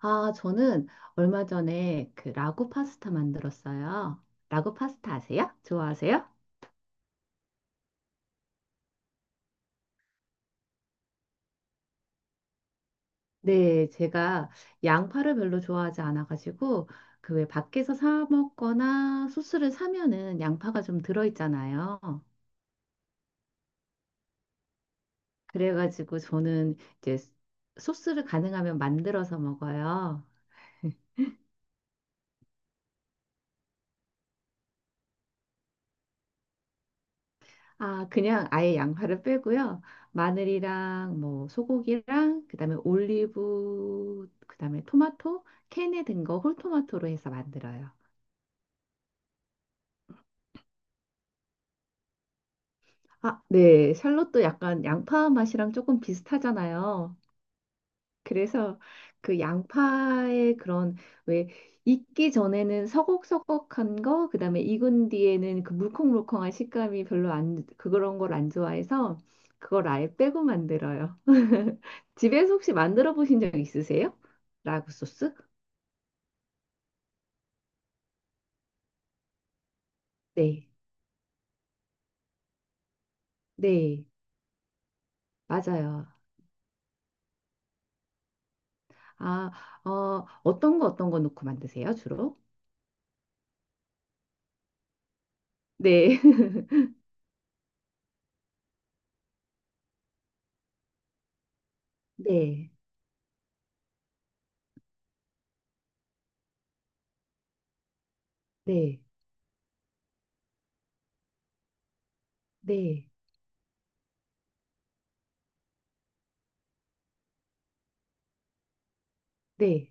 아, 저는 얼마 전에 그 라구 파스타 만들었어요. 라구 파스타 아세요? 좋아하세요? 네, 제가 양파를 별로 좋아하지 않아가지고 그 왜 밖에서 사 먹거나 소스를 사면은 양파가 좀 들어있잖아요. 그래가지고 저는 이제 소스를 가능하면 만들어서 먹어요. 아, 그냥 아예 양파를 빼고요. 마늘이랑 뭐 소고기랑 그다음에 올리브 그다음에 토마토 캔에 든 거 홀토마토로 해서 만들어요. 아, 네. 샬롯도 약간 양파 맛이랑 조금 비슷하잖아요. 그래서 그 양파의 그런 왜 익기 전에는 서걱서걱한 거, 그다음에 익은 뒤에는 그 물컹물컹한 식감이 별로 안 그런 걸 안 좋아해서 그걸 아예 빼고 만들어요. 집에서 혹시 만들어 보신 적 있으세요? 라구 소스? 네. 네. 맞아요. 아, 어떤 거 넣고 만드세요, 주로? 네. 네. 네. 네. 네.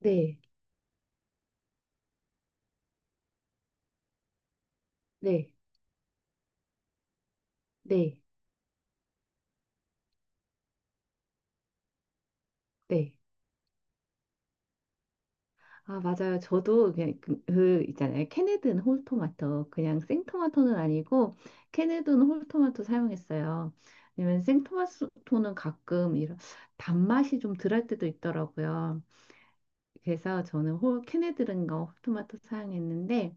네. 네. 네. 네. 아, 맞아요. 저도 그냥 그 있잖아요. 캐네든 홀토마토. 그냥 생토마토는 아니고 캐네든 홀토마토 사용했어요. 왜냐면 생토마토는 가끔 이런 단맛이 좀 덜할 때도 있더라고요. 그래서 저는 홀 캐네든과 홀토마토 사용했는데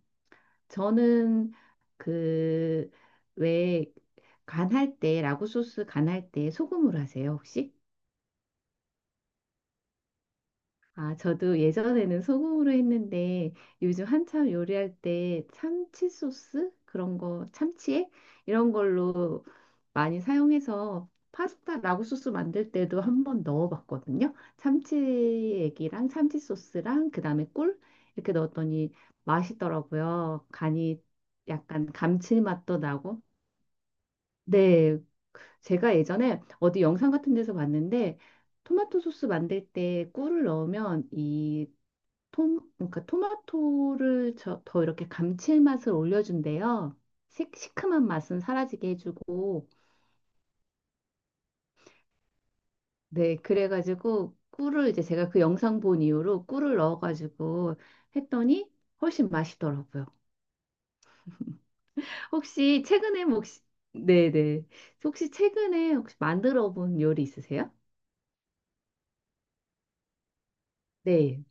저는 그 왜 간할 때 라구 소스 간할 때 소금으로 하세요, 혹시? 아, 저도 예전에는 소금으로 했는데 요즘 한참 요리할 때 참치 소스 그런 거 참치액 이런 걸로 많이 사용해서 파스타 라구 소스 만들 때도 한번 넣어봤거든요. 참치액이랑 참치 소스랑 그다음에 꿀 이렇게 넣었더니 맛있더라고요. 간이 약간 감칠맛도 나고. 네, 제가 예전에 어디 영상 같은 데서 봤는데 토마토 소스 만들 때 꿀을 넣으면 이 그러니까 토마토를 더 이렇게 감칠맛을 올려준대요. 시큼한 맛은 사라지게 해주고, 네, 그래가지고 꿀을 이제 제가 그 영상 본 이후로 꿀을 넣어가지고 했더니 훨씬 맛있더라고요. 혹시 최근에 뭐 혹시, 네네. 혹시 최근에 혹시 만들어 본 요리 있으세요? 네,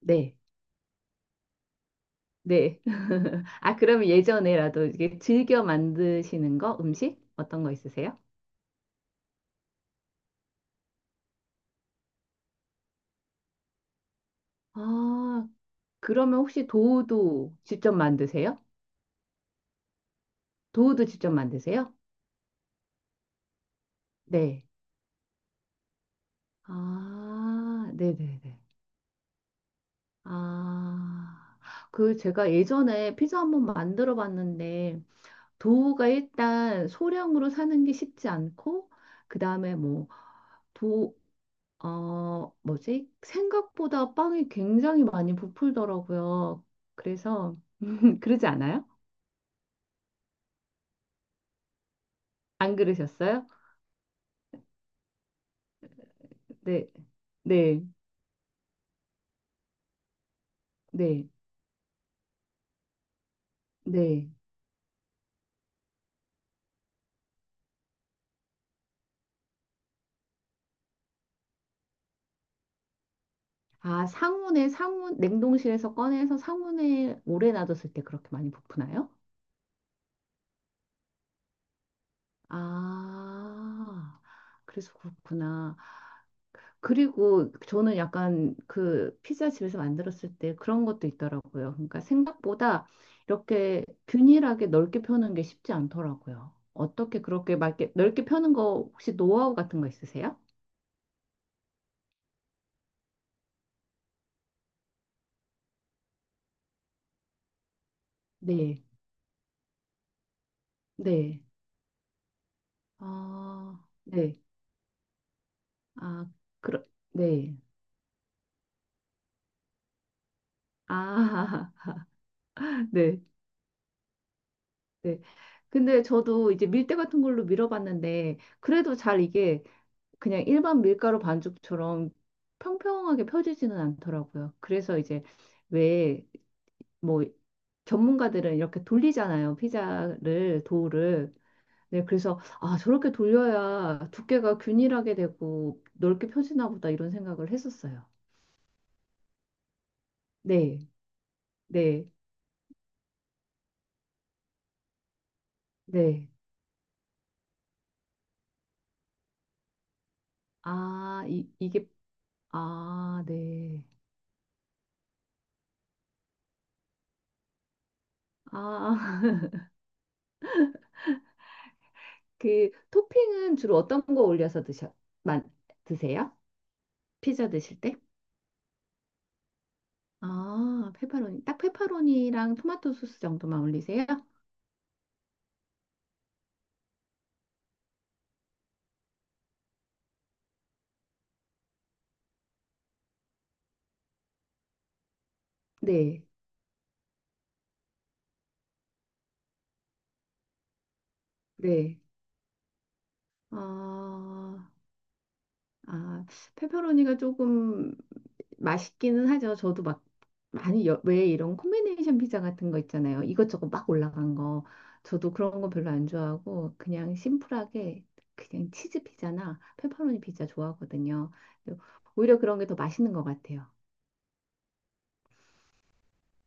네. 네. 아, 그러면 예전에라도 이게 즐겨 만드시는 거, 음식? 어떤 거 있으세요? 아, 그러면 혹시 도우도 직접 만드세요? 도우도 직접 만드세요? 네. 아, 네네네. 아, 그 제가 예전에 피자 한번 만들어 봤는데, 도우가 일단 소량으로 사는 게 쉽지 않고, 그 다음에 뭐, 도, 뭐지? 생각보다 빵이 굉장히 많이 부풀더라고요. 그래서, 그러지 않아요? 안 그러셨어요? 네, 네, 네, 네. 아, 상온, 냉동실에서 꺼내서 상온에 오래 놔뒀을 때 그렇게 많이 부푸나요? 아, 그래서 그렇구나. 그리고 저는 약간 그 피자 집에서 만들었을 때 그런 것도 있더라고요. 그러니까 생각보다 이렇게 균일하게 넓게 펴는 게 쉽지 않더라고요. 어떻게 그렇게 막 이렇게 넓게 펴는 거 혹시 노하우 같은 거 있으세요? 네, 네. 아, 네. 아, 그러, 네. 아, 네. 네. 근데 저도 이제 밀대 같은 걸로 밀어봤는데 그래도 잘 이게 그냥 일반 밀가루 반죽처럼 평평하게 펴지지는 않더라고요. 그래서 이제 왜 뭐 전문가들은 이렇게 돌리잖아요. 피자를 도우를. 네, 그래서 아, 저렇게 돌려야 두께가 균일하게 되고 넓게 펴지나 보다 이런 생각을 했었어요. 네. 네. 네. 아, 이게 아, 네. 아, 그 토핑은 주로 어떤 거 올려서 드셔 만 드세요? 피자 드실 때? 아, 페퍼로니. 딱 페퍼로니랑 토마토 소스 정도만 올리세요? 네, 네. 아, 아, 페퍼로니가 조금 맛있기는 하죠. 저도 막 많이 왜 이런 콤비네이션 피자 같은 거 있잖아요. 이것저것 막 올라간 거. 저도 그런 거 별로 안 좋아하고 그냥 심플하게 그냥 치즈 피자나 페퍼로니 피자 좋아하거든요. 오히려 그런 게 더 맛있는 것 같아요.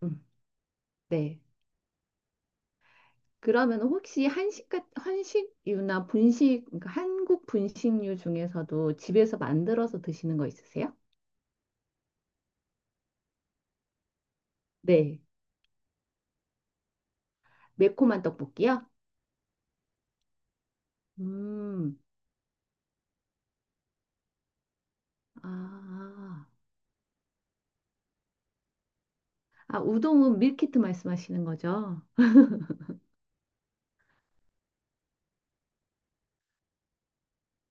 음, 네. 그러면 혹시 한식, 한식류나 분식, 그러니까 한국 분식류 중에서도 집에서 만들어서 드시는 거 있으세요? 네. 매콤한 떡볶이요? 음, 아, 아, 우동은 밀키트 말씀하시는 거죠?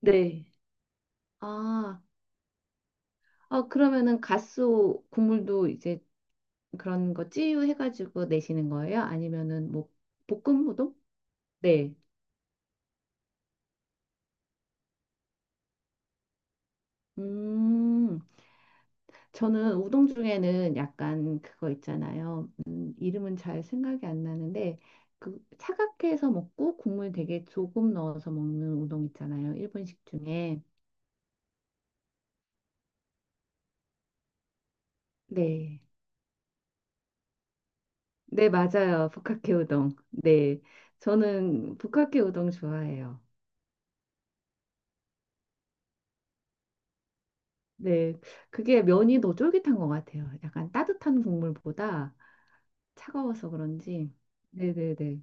네. 아, 아, 그러면은 갓스 국물도 이제 그런 거 찌유해가지고 내시는 거예요? 아니면은 뭐 볶음 우동? 네. 음, 저는 우동 중에는 약간 그거 있잖아요. 이름은 잘 생각이 안 나는데 그 차갑게 해서 먹고 국물 되게 조금 넣어서 먹는 우동 있잖아요. 일본식 중에. 네. 네, 맞아요. 북학회 우동. 네. 저는 북학회 우동 좋아해요. 네. 그게 면이 더 쫄깃한 것 같아요. 약간 따뜻한 국물보다 차가워서 그런지. 네네네.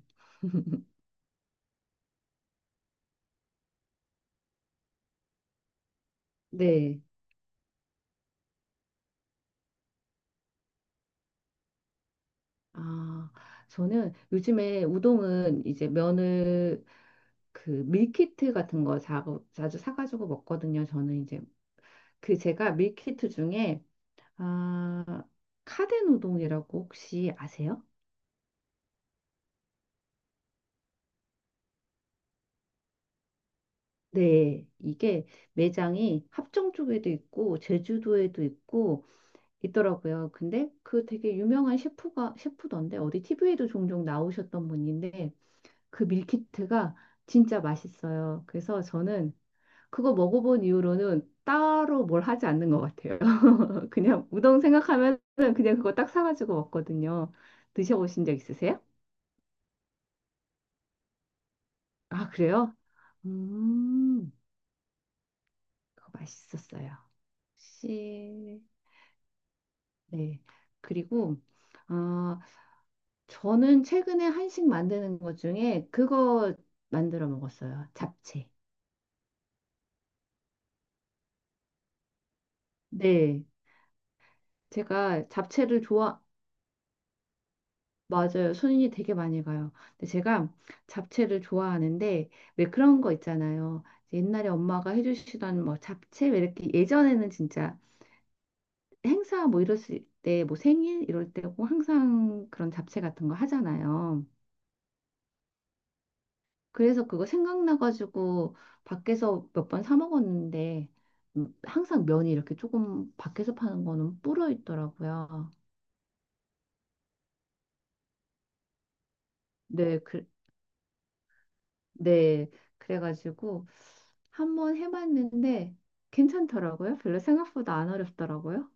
네. 아, 저는 요즘에 우동은 이제 면을 그 밀키트 같은 거 자주 사가지고 먹거든요. 저는 이제 그 제가 밀키트 중에 아, 카덴우동이라고 혹시 아세요? 네, 이게 매장이 합정 쪽에도 있고 제주도에도 있고 있더라고요. 근데 그 되게 유명한 셰프가 셰프던데 어디 TV에도 종종 나오셨던 분인데 그 밀키트가 진짜 맛있어요. 그래서 저는 그거 먹어본 이후로는 따로 뭘 하지 않는 것 같아요. 그냥 우동 생각하면 그냥 그거 딱 사가지고 먹거든요. 드셔보신 적 있으세요? 아, 그래요? 음, 그거 맛있었어요. 혹시, 네. 그리고, 어, 저는 최근에 한식 만드는 것 중에 그거 만들어 먹었어요. 잡채. 네. 제가 잡채를 좋아, 맞아요. 손이 되게 많이 가요. 근데 제가 잡채를 좋아하는데 왜 그런 거 있잖아요. 옛날에 엄마가 해주시던 뭐 잡채 왜 이렇게 예전에는 진짜 행사 뭐 이럴 때 뭐 생일 이럴 때 꼭 항상 그런 잡채 같은 거 하잖아요. 그래서 그거 생각나가지고 밖에서 몇 번 사 먹었는데 항상 면이 이렇게 조금 밖에서 파는 거는 불어 있더라고요. 네, 네, 그래가지고 한번 해봤는데 괜찮더라고요. 별로 생각보다 안 어렵더라고요.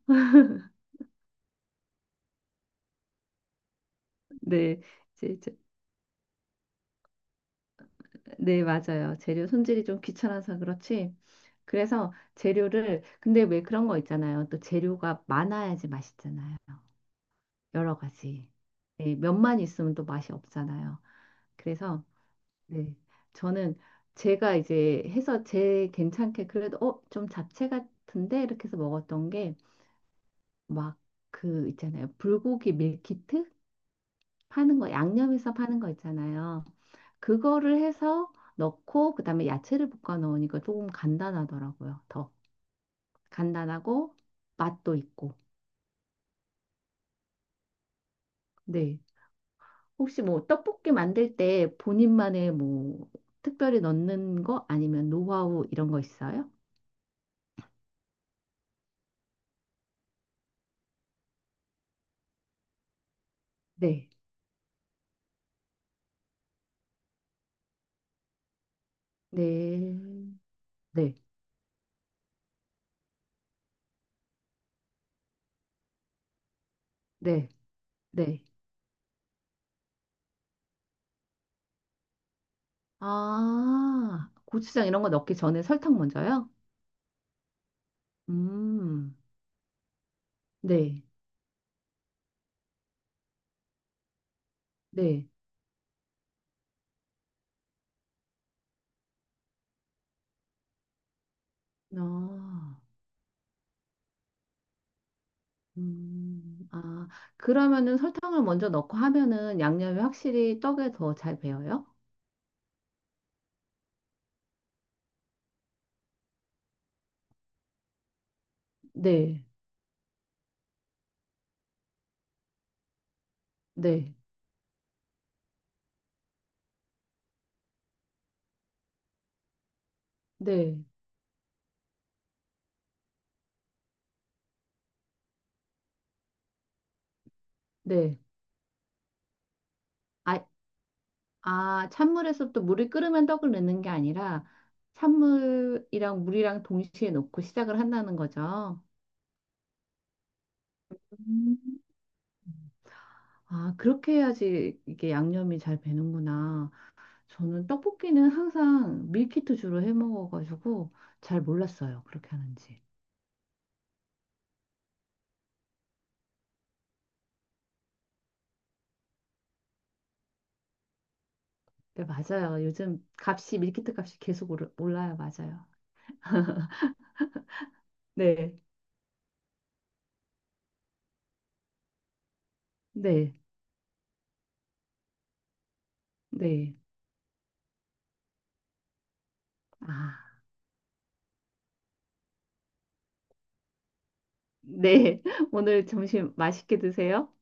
네, 이제, 제- 네, 맞아요. 재료 손질이 좀 귀찮아서 그렇지. 그래서 재료를, 근데 왜 그런 거 있잖아요. 또 재료가 많아야지 맛있잖아요. 여러 가지. 네, 몇만 있으면 또 맛이 없잖아요. 그래서, 네, 저는 제가 이제 해서 제 괜찮게 그래도, 어, 좀 잡채 같은데? 이렇게 해서 먹었던 게 막 그 있잖아요. 불고기 밀키트 파는 거, 양념해서 파는 거 있잖아요. 그거를 해서 넣고 그다음에 야채를 볶아 넣으니까 조금 간단하더라고요. 더 간단하고 맛도 있고. 네. 혹시 뭐 떡볶이 만들 때 본인만의 뭐 특별히 넣는 거 아니면 노하우 이런 거 있어요? 네. 네. 네. 네. 네. 아, 고추장 이런 거 넣기 전에 설탕 먼저요? 음. 네. 네. 아, 아, 그러면은 설탕을 먼저 넣고 하면은 양념이 확실히 떡에 더 잘 배어요? 네, 네, 네, 네. 아, 아, 찬물에서 또 물이 끓으면 떡을 넣는 게 아니라 찬물이랑 물이랑 동시에 넣고 시작을 한다는 거죠. 음. 아, 그렇게 해야지 이게 양념이 잘 배는구나. 저는 떡볶이는 항상 밀키트 주로 해 먹어가지고 잘 몰랐어요. 그렇게 하는지. 네, 맞아요. 요즘 값이, 밀키트 값이 계속 올라요. 맞아요. 네, 네, 네. 아, 네. 오늘 점심 맛있게 드세요.